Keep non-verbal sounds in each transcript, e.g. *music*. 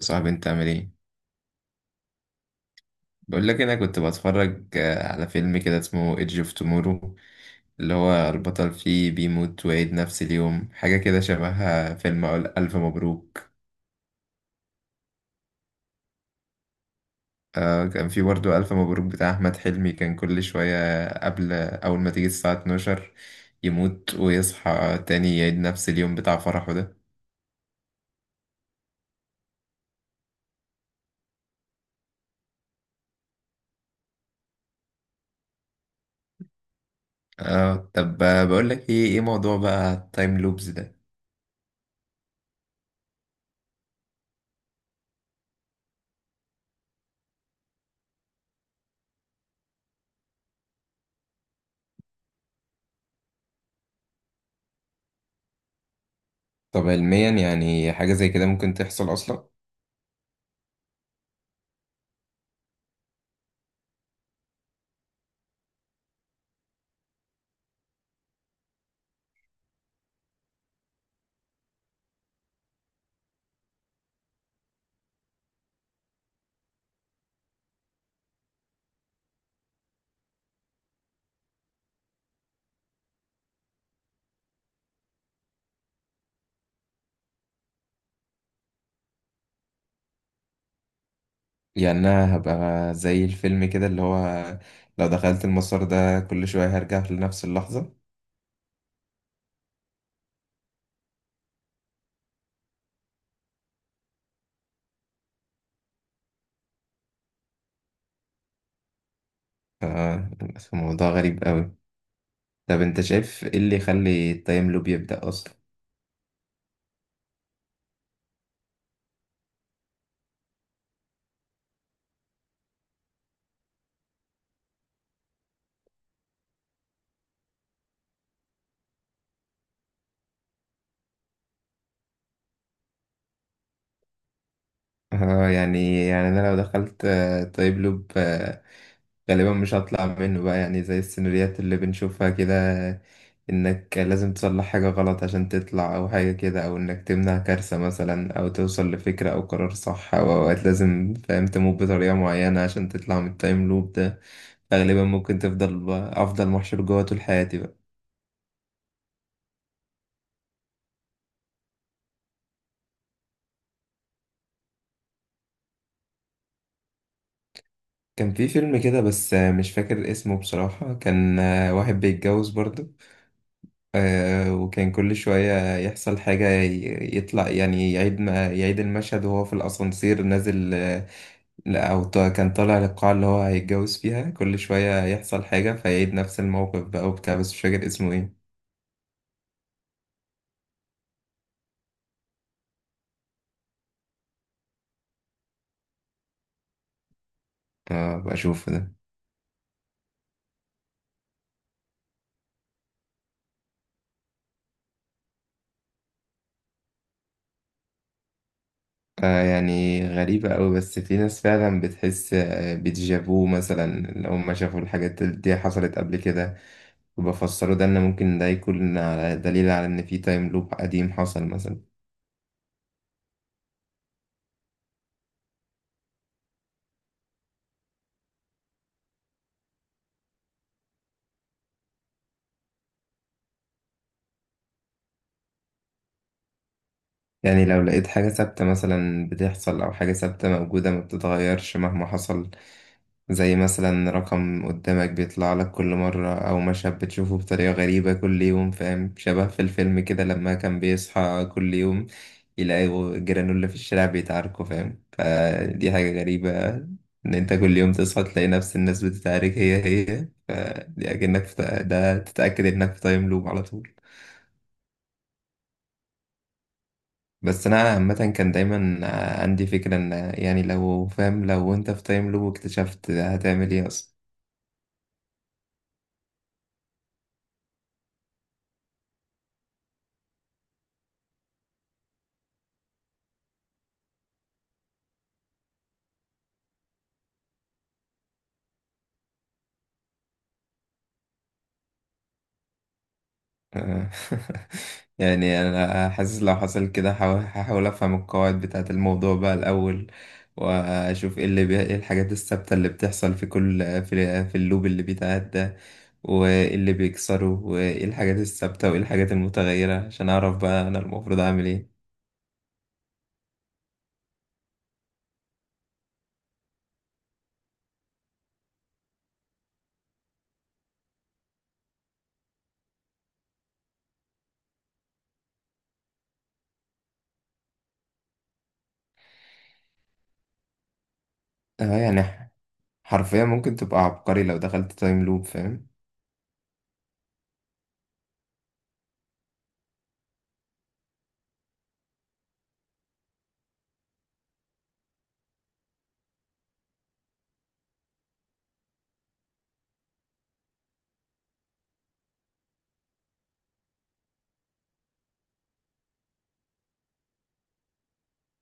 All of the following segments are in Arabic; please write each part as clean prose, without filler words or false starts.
صاحبي انت عامل ايه؟ بقول لك انا كنت بتفرج على فيلم كده اسمه ايدج اوف تومورو، اللي هو البطل فيه بيموت ويعيد نفس اليوم، حاجة كده شبهها فيلم ألف مبروك. آه، كان في برضه ألف مبروك بتاع أحمد حلمي، كان كل شوية قبل أول ما تيجي الساعة 12 يموت ويصحى تاني يعيد نفس اليوم بتاع فرحه ده. اه طب، بقول لك ايه موضوع بقى التايم لوبز ده؟ طب علميا يعني حاجة زي كده ممكن تحصل أصلا؟ يعني انا هبقى زي الفيلم كده اللي هو لو دخلت المسار ده كل شوية هرجع لنفس اللحظة. ف- فموضوع غريب قوي. طب انت شايف ايه اللي يخلي التايم لوب يبدأ اصلا؟ *laughs* اه، يعني انا لو دخلت تايم لوب غالبا مش هطلع منه بقى، يعني زي السيناريوهات اللي بنشوفها كده، انك لازم تصلح حاجة غلط عشان تطلع او حاجة كده، او انك تمنع كارثة مثلا او توصل لفكرة او قرار صح، او اوقات لازم فاهم تموت بطريقة معينة عشان تطلع من التايم لوب ده. غالبا ممكن تفضل بقى، افضل محشور جوه طول حياتي بقى. كان في فيلم كده بس مش فاكر اسمه بصراحة، كان واحد بيتجوز برضه، وكان كل شوية يحصل حاجة، يطلع يعني يعيد ما يعيد المشهد وهو في الأسانسير نازل. لا، أو كان طالع للقاعة اللي هو هيتجوز فيها، كل شوية يحصل حاجة فيعيد نفس الموقف بقى وبتاع، بس مش فاكر اسمه ايه. اه بشوفه ده. آه يعني غريبة أوي، بس في ناس فعلا بتحس بديجافو مثلا، لو ما شافوا الحاجات دي حصلت قبل كده، وبفسروا ده إن ممكن ده يكون دليل على إن في تايم لوب قديم حصل مثلا. يعني لو لقيت حاجة ثابتة مثلا بتحصل أو حاجة ثابتة موجودة ما بتتغيرش مهما حصل، زي مثلا رقم قدامك بيطلع لك كل مرة، أو مشهد بتشوفه بطريقة غريبة كل يوم، فاهم، شبه في الفيلم كده لما كان بيصحى كل يوم يلاقوا جيرانه في الشارع بيتعاركوا، فاهم، فدي حاجة غريبة. إن أنت كل يوم تصحى تلاقي نفس الناس بتتعارك هي هي، فدي أكنك في ده تتأكد إنك في تايم لوب على طول. بس انا عامه كان دايما عندي فكره ان، يعني لو فاهم لو انت في تايم لوب اكتشفت هتعمل ايه اصلا؟ آه. *laughs* يعني انا حاسس لو حصل كده هحاول افهم القواعد بتاعه الموضوع بقى الاول، واشوف ايه ايه الحاجات الثابته اللي بتحصل في كل في اللوب اللي بيتعاد ده، وايه اللي بيكسره، وايه الحاجات الثابته، وايه الحاجات المتغيره، عشان اعرف بقى انا المفروض اعمل ايه. اه يعني حرفيا ممكن تبقى عبقري لو دخلت تايم لوب فاهم.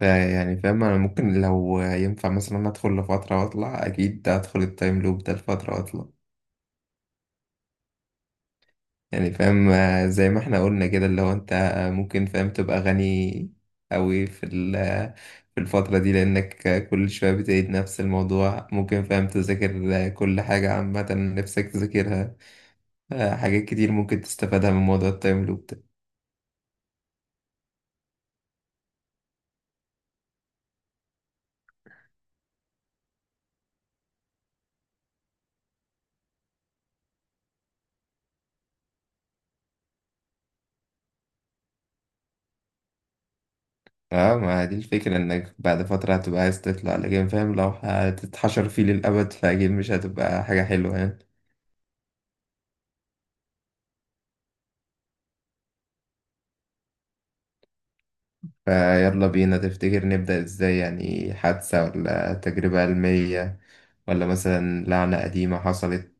يعني فاهم انا ممكن لو ينفع مثلا ادخل لفترة واطلع، اكيد ادخل التايم لوب ده لفترة واطلع. يعني فاهم زي ما احنا قلنا كده، اللي هو انت ممكن فاهم تبقى غني قوي في في الفترة دي، لانك كل شوية بتعيد نفس الموضوع، ممكن فاهم تذاكر كل حاجة عامة نفسك تذاكرها. حاجات كتير ممكن تستفادها من موضوع التايم لوب ده. اه ما دي الفكرة، انك بعد فترة هتبقى عايز تطلع، لكن فاهم لو هتتحشر فيه للأبد فأكيد مش هتبقى حاجة حلوة يعني. فيلا بينا، تفتكر نبدأ ازاي؟ يعني حادثة ولا تجربة علمية، ولا مثلا لعنة قديمة حصلت؟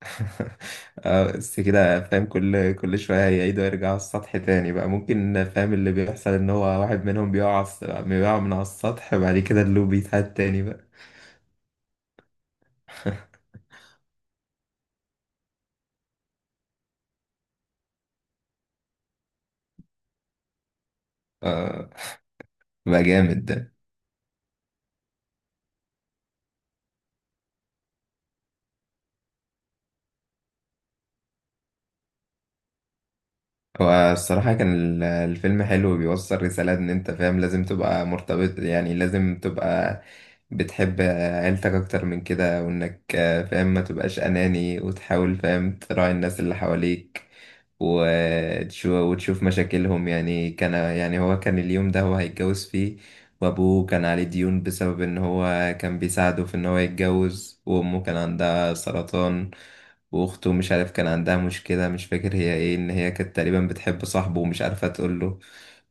*laughs* بس كده فاهم كل شوية هيعيدوا يرجعوا على السطح تاني بقى، ممكن فاهم اللي بيحصل ان هو واحد منهم بيقع على بيقع من على السطح، بعد كده اللي بيتهد تاني بقى. *laughs* آه، بقى جامد ده. هو الصراحة كان الفيلم حلو، وبيوصل رسالة إن أنت فاهم لازم تبقى مرتبط، يعني لازم تبقى بتحب عيلتك أكتر من كده، وإنك فاهم ما تبقاش أناني وتحاول فاهم تراعي الناس اللي حواليك، وتشوف مشاكلهم يعني. كان يعني هو كان اليوم ده هو هيتجوز فيه، وأبوه كان عليه ديون بسبب إن هو كان بيساعده في إن هو يتجوز، وأمه كان عندها سرطان، واخته مش عارف كان عندها مشكلة، مش فاكر هي ايه، ان هي كانت تقريبا بتحب صاحبه ومش عارفة تقول له.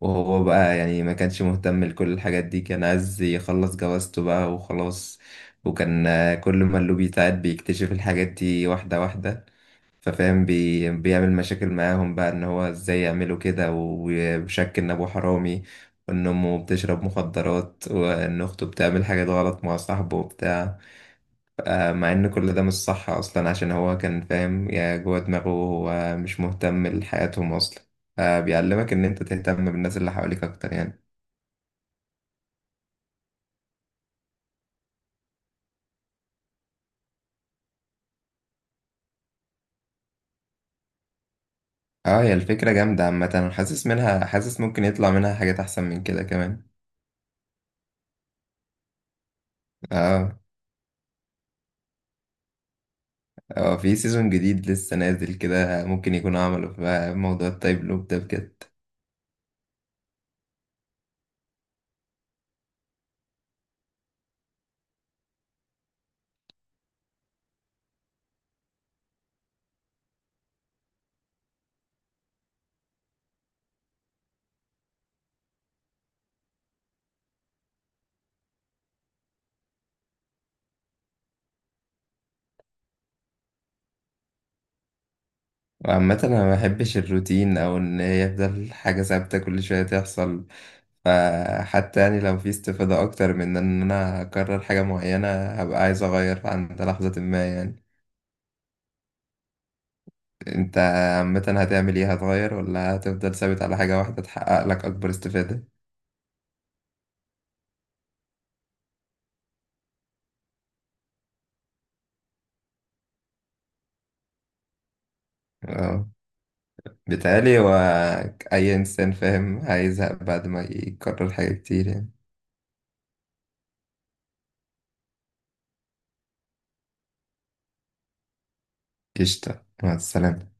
وهو بقى يعني ما كانش مهتم لكل الحاجات دي، كان عايز يخلص جوازته بقى وخلاص. وكان كل ما اللي بيتعاد بيكتشف الحاجات دي واحدة واحدة، ففاهم بيعمل مشاكل معاهم بقى، ان هو ازاي يعملوا كده، وشك ان ابوه حرامي، وان امه بتشرب مخدرات، وان اخته بتعمل حاجات غلط مع صاحبه وبتاع. مع ان كل ده مش صح اصلا عشان هو كان فاهم يا جوه دماغه هو مش مهتم لحياتهم اصلا. بيعلمك ان انت تهتم بالناس اللي حواليك اكتر يعني. اه هي الفكرة جامدة عامة، أنا حاسس منها حاسس ممكن يطلع منها حاجات احسن من كده كمان. اه، اه في سيزون جديد لسه نازل كده ممكن يكونوا عملوا في موضوع التايب لوب ده بجد. وعامة أنا ما بحبش الروتين أو إن هي يفضل حاجة ثابتة كل شوية تحصل، فحتى يعني لو في استفادة أكتر من إن أنا أكرر حاجة معينة هبقى عايز أغير عند لحظة ما يعني. أنت عامة هتعمل إيه؟ هتغير ولا هتفضل ثابت على حاجة واحدة تحقق لك أكبر استفادة؟ أه، بيتهيألي هو أي إنسان فاهم هيزهق بعد ما يكرر حاجة كتير يعني. قشطة، مع السلامة.